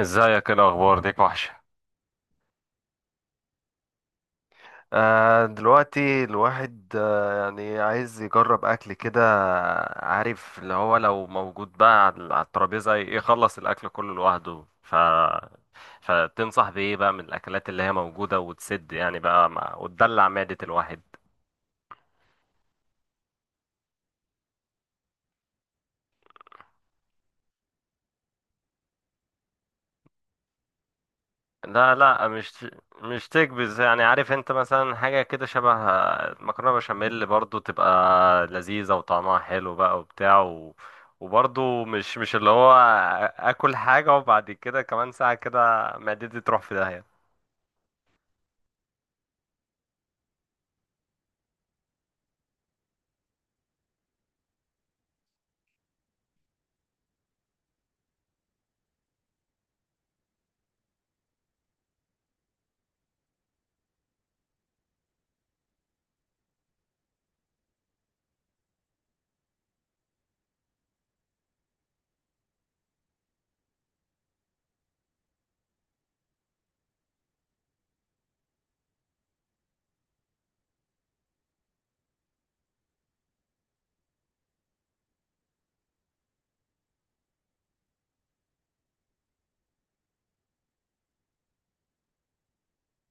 ازيك؟ ايه الاخبار؟ ديك وحشه. دلوقتي الواحد يعني عايز يجرب اكل كده. عارف اللي هو لو موجود بقى على الترابيزه يخلص الاكل كله لوحده. ف فتنصح بايه بقى من الاكلات اللي هي موجوده وتسد يعني بقى وتدلع معده الواحد. لا، مش تكبس. يعني عارف انت مثلا حاجة كده شبه مكرونة بشاميل، برضو تبقى لذيذة وطعمها حلو بقى وبرضو مش اللي هو اكل حاجة وبعد كده كمان ساعة كده معدتي تروح في داهية.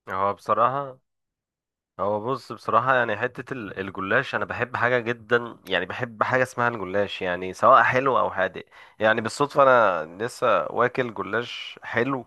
هو بصراحة هو بص بصراحة، يعني حتة الجلاش أنا بحب حاجة جدا، يعني بحب حاجة اسمها الجلاش، يعني سواء حلو أو حادق. يعني بالصدفة أنا لسه واكل جلاش حلو،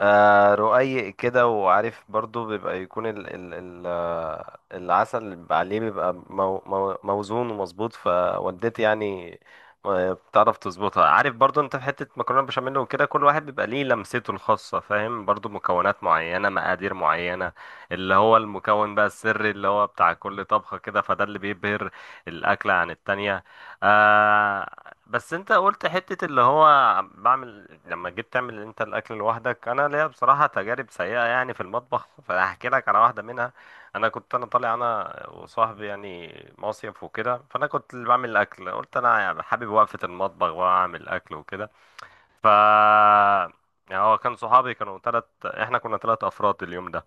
آه، رقيق كده. وعارف برضو بيبقى يكون ال ال ال آه، العسل اللي بيبقى عليه بيبقى مو مو موزون ومظبوط، فوالدتي يعني آه، بتعرف تظبطها. عارف برضو انت في حتة مكرونة بشاميل وكده، كل واحد بيبقى ليه لمسته الخاصة، فاهم؟ برضو مكونات معينة، مقادير معينة، اللي هو المكون بقى السري اللي هو بتاع كل طبخة كده، فده اللي بيبهر الأكلة عن التانية. آه. بس انت قلت حتة اللي هو بعمل، لما جيت تعمل انت الاكل لوحدك، انا ليا بصراحة تجارب سيئة يعني في المطبخ فهحكي لك على واحدة منها. انا كنت طالع انا وصاحبي يعني مصيف وكده، فانا كنت اللي بعمل الاكل. قلت انا يعني حابب وقفة المطبخ واعمل اكل وكده. ف يعني هو كان صحابي كانوا تلت، احنا كنا تلت افراد اليوم ده.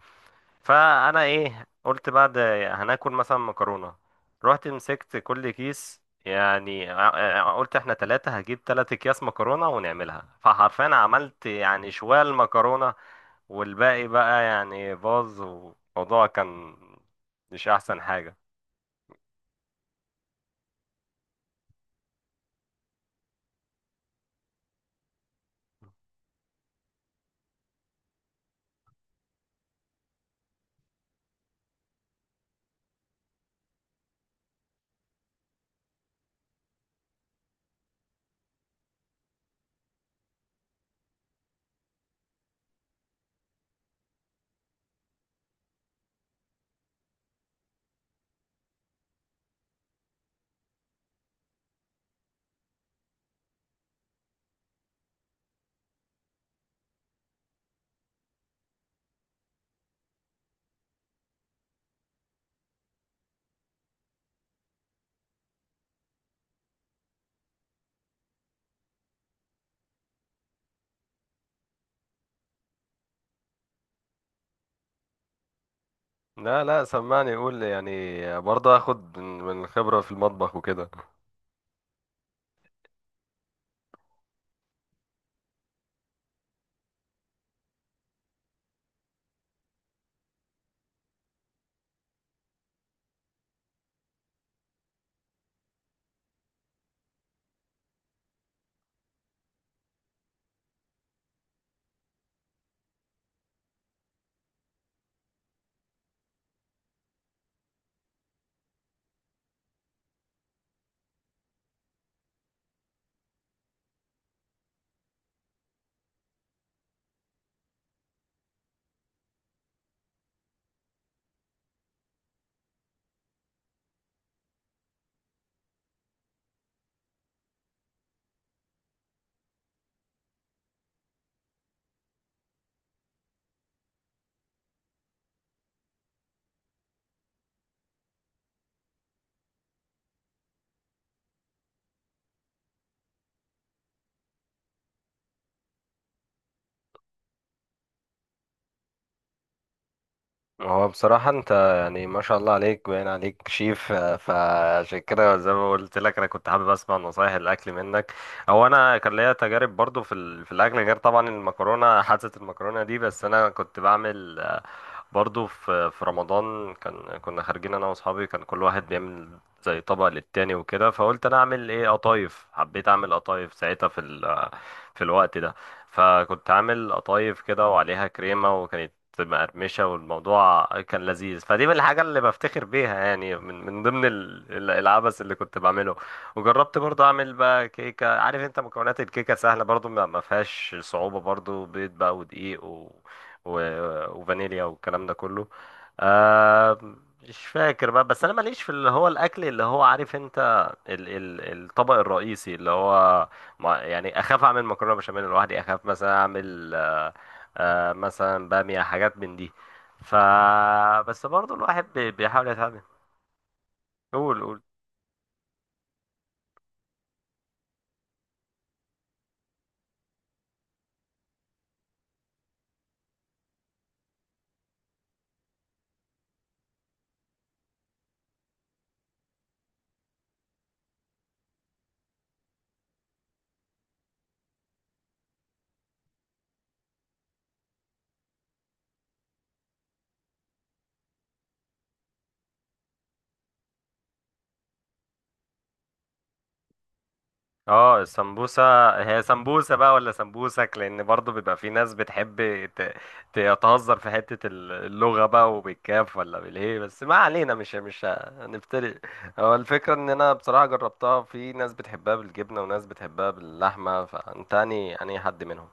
فانا ايه، قلت بعد هناكل مثلا مكرونه. رحت مسكت كل كيس، يعني قلت احنا ثلاثة، هجيب ثلاثة اكياس مكرونة ونعملها. فحرفيا عملت يعني شوال مكرونة، والباقي بقى يعني باظ، والموضوع كان مش احسن حاجة. لا، سمعني، يقول يعني برضه اخد من الخبرة في المطبخ وكده. هو بصراحة انت يعني ما شاء الله عليك، باين عليك شيف، آه، فعشان كده زي ما قلت لك انا كنت حابب اسمع نصايح الاكل منك. هو انا كان ليا تجارب برضو في الاكل، غير طبعا المكرونة، حادثة المكرونة دي. بس انا كنت بعمل برضو في رمضان، كان كنا خارجين انا واصحابي، كان كل واحد بيعمل زي طبق للتاني وكده. فقلت انا اعمل ايه؟ قطايف. حبيت اعمل قطايف ساعتها في في الوقت ده. فكنت عامل قطايف كده وعليها كريمة، وكانت مقرمشة، والموضوع كان لذيذ. فدي من الحاجة اللي بفتخر بيها، يعني من من ضمن العبث اللي كنت بعمله. وجربت برضو اعمل بقى كيكة. عارف انت مكونات الكيكة سهلة برضو، ما فيهاش صعوبة، برضو بيض بقى ودقيق وفانيليا والكلام ده كله. آه، مش فاكر بقى. بس انا ماليش في اللي هو الاكل اللي هو، عارف انت، ال ال الطبق الرئيسي اللي هو. يعني اخاف اعمل مكرونه بشاميل لوحدي، اخاف مثلا اعمل آه، آه، مثلا باميه، حاجات من دي. ف بس برضو الواحد بيحاول يتعلم. قول، قول. اه، السمبوسة. هي سمبوسة بقى ولا سمبوسك؟ لأن برضو بيبقى في ناس بتحب ت- تتهزر في حتة اللغة بقى، وبالكاف ولا بالهي، بس ما علينا، مش هنفترق. هو الفكرة إن أنا بصراحة جربتها، في ناس بتحبها بالجبنة وناس بتحبها باللحمة، فأنت أنهي حد منهم؟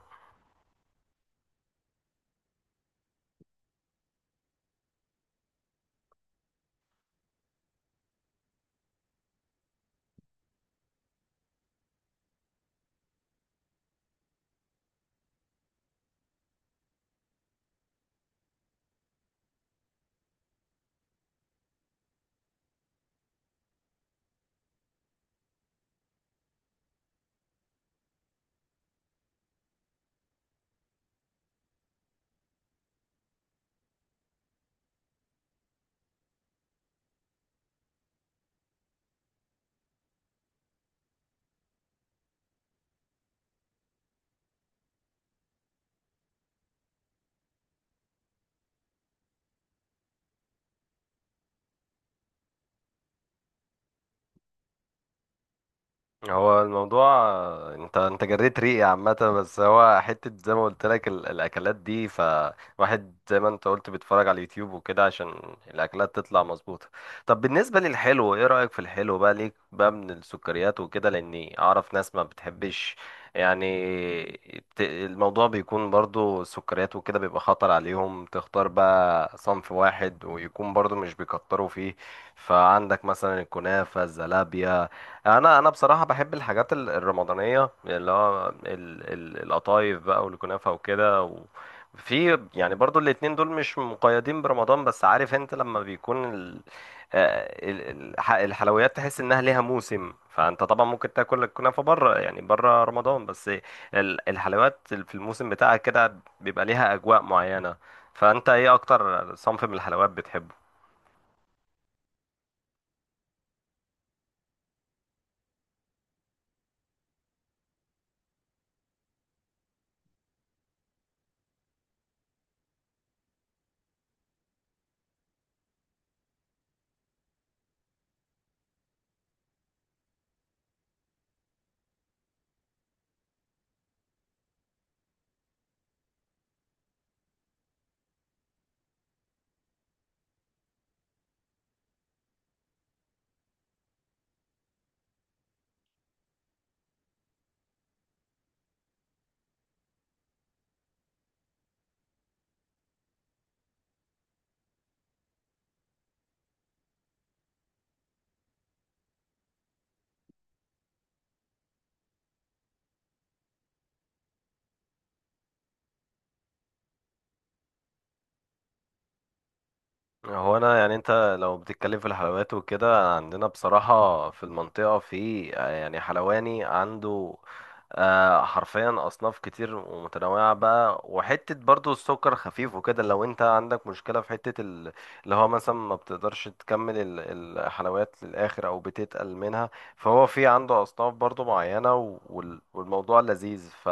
هو الموضوع انت جريت ريقي عامة. بس هو حتة زي ما قلت لك الأكلات دي، فواحد زي ما انت قلت بيتفرج على اليوتيوب وكده عشان الأكلات تطلع مظبوطة. طب بالنسبة للحلو، ايه رأيك في الحلو بقى؟ ليك بقى من السكريات وكده؟ لأني أعرف ناس ما بتحبش يعني، الموضوع بيكون برضو السكريات وكده بيبقى خطر عليهم، تختار بقى صنف واحد ويكون برضو مش بيكتروا فيه. فعندك مثلا الكنافة، الزلابية. انا بصراحه بحب الحاجات الرمضانيه، اللي هو القطايف بقى والكنافه وكده في يعني برضو الاتنين دول مش مقيدين برمضان، بس عارف انت لما بيكون الحلويات، تحس انها ليها موسم. فانت طبعا ممكن تاكل الكنافه بره، يعني بره رمضان، بس الحلويات في الموسم بتاعها كده بيبقى ليها اجواء معينه. فانت ايه اكتر صنف من الحلويات بتحبه؟ هو انا يعني انت لو بتتكلم في الحلويات وكده، عندنا بصراحة في المنطقة في يعني حلواني عنده آه، حرفيا اصناف كتير ومتنوعة بقى، وحتة برضو السكر خفيف وكده. لو انت عندك مشكلة في حتة اللي هو مثلا ما بتقدرش تكمل الحلويات للاخر او بتتقل منها، فهو في عنده اصناف برضو معينة والموضوع لذيذ.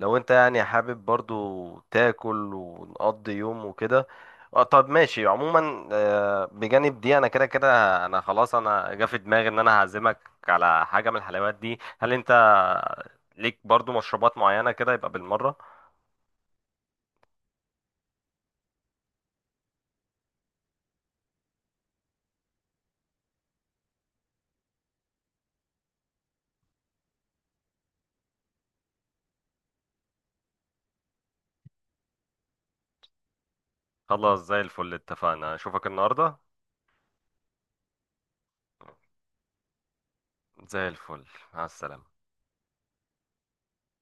لو انت يعني حابب برضو تاكل ونقضي يوم وكده. آه، طب ماشي. عموما آه، بجانب دي انا كده كده، انا خلاص، انا جا في دماغي ان انا هعزمك على حاجه من الحلويات دي. هل انت ليك برضو مشروبات معينه كده، يبقى بالمره؟ خلاص، زي الفل، اتفقنا، اشوفك النهارده. زي الفل، مع السلامه.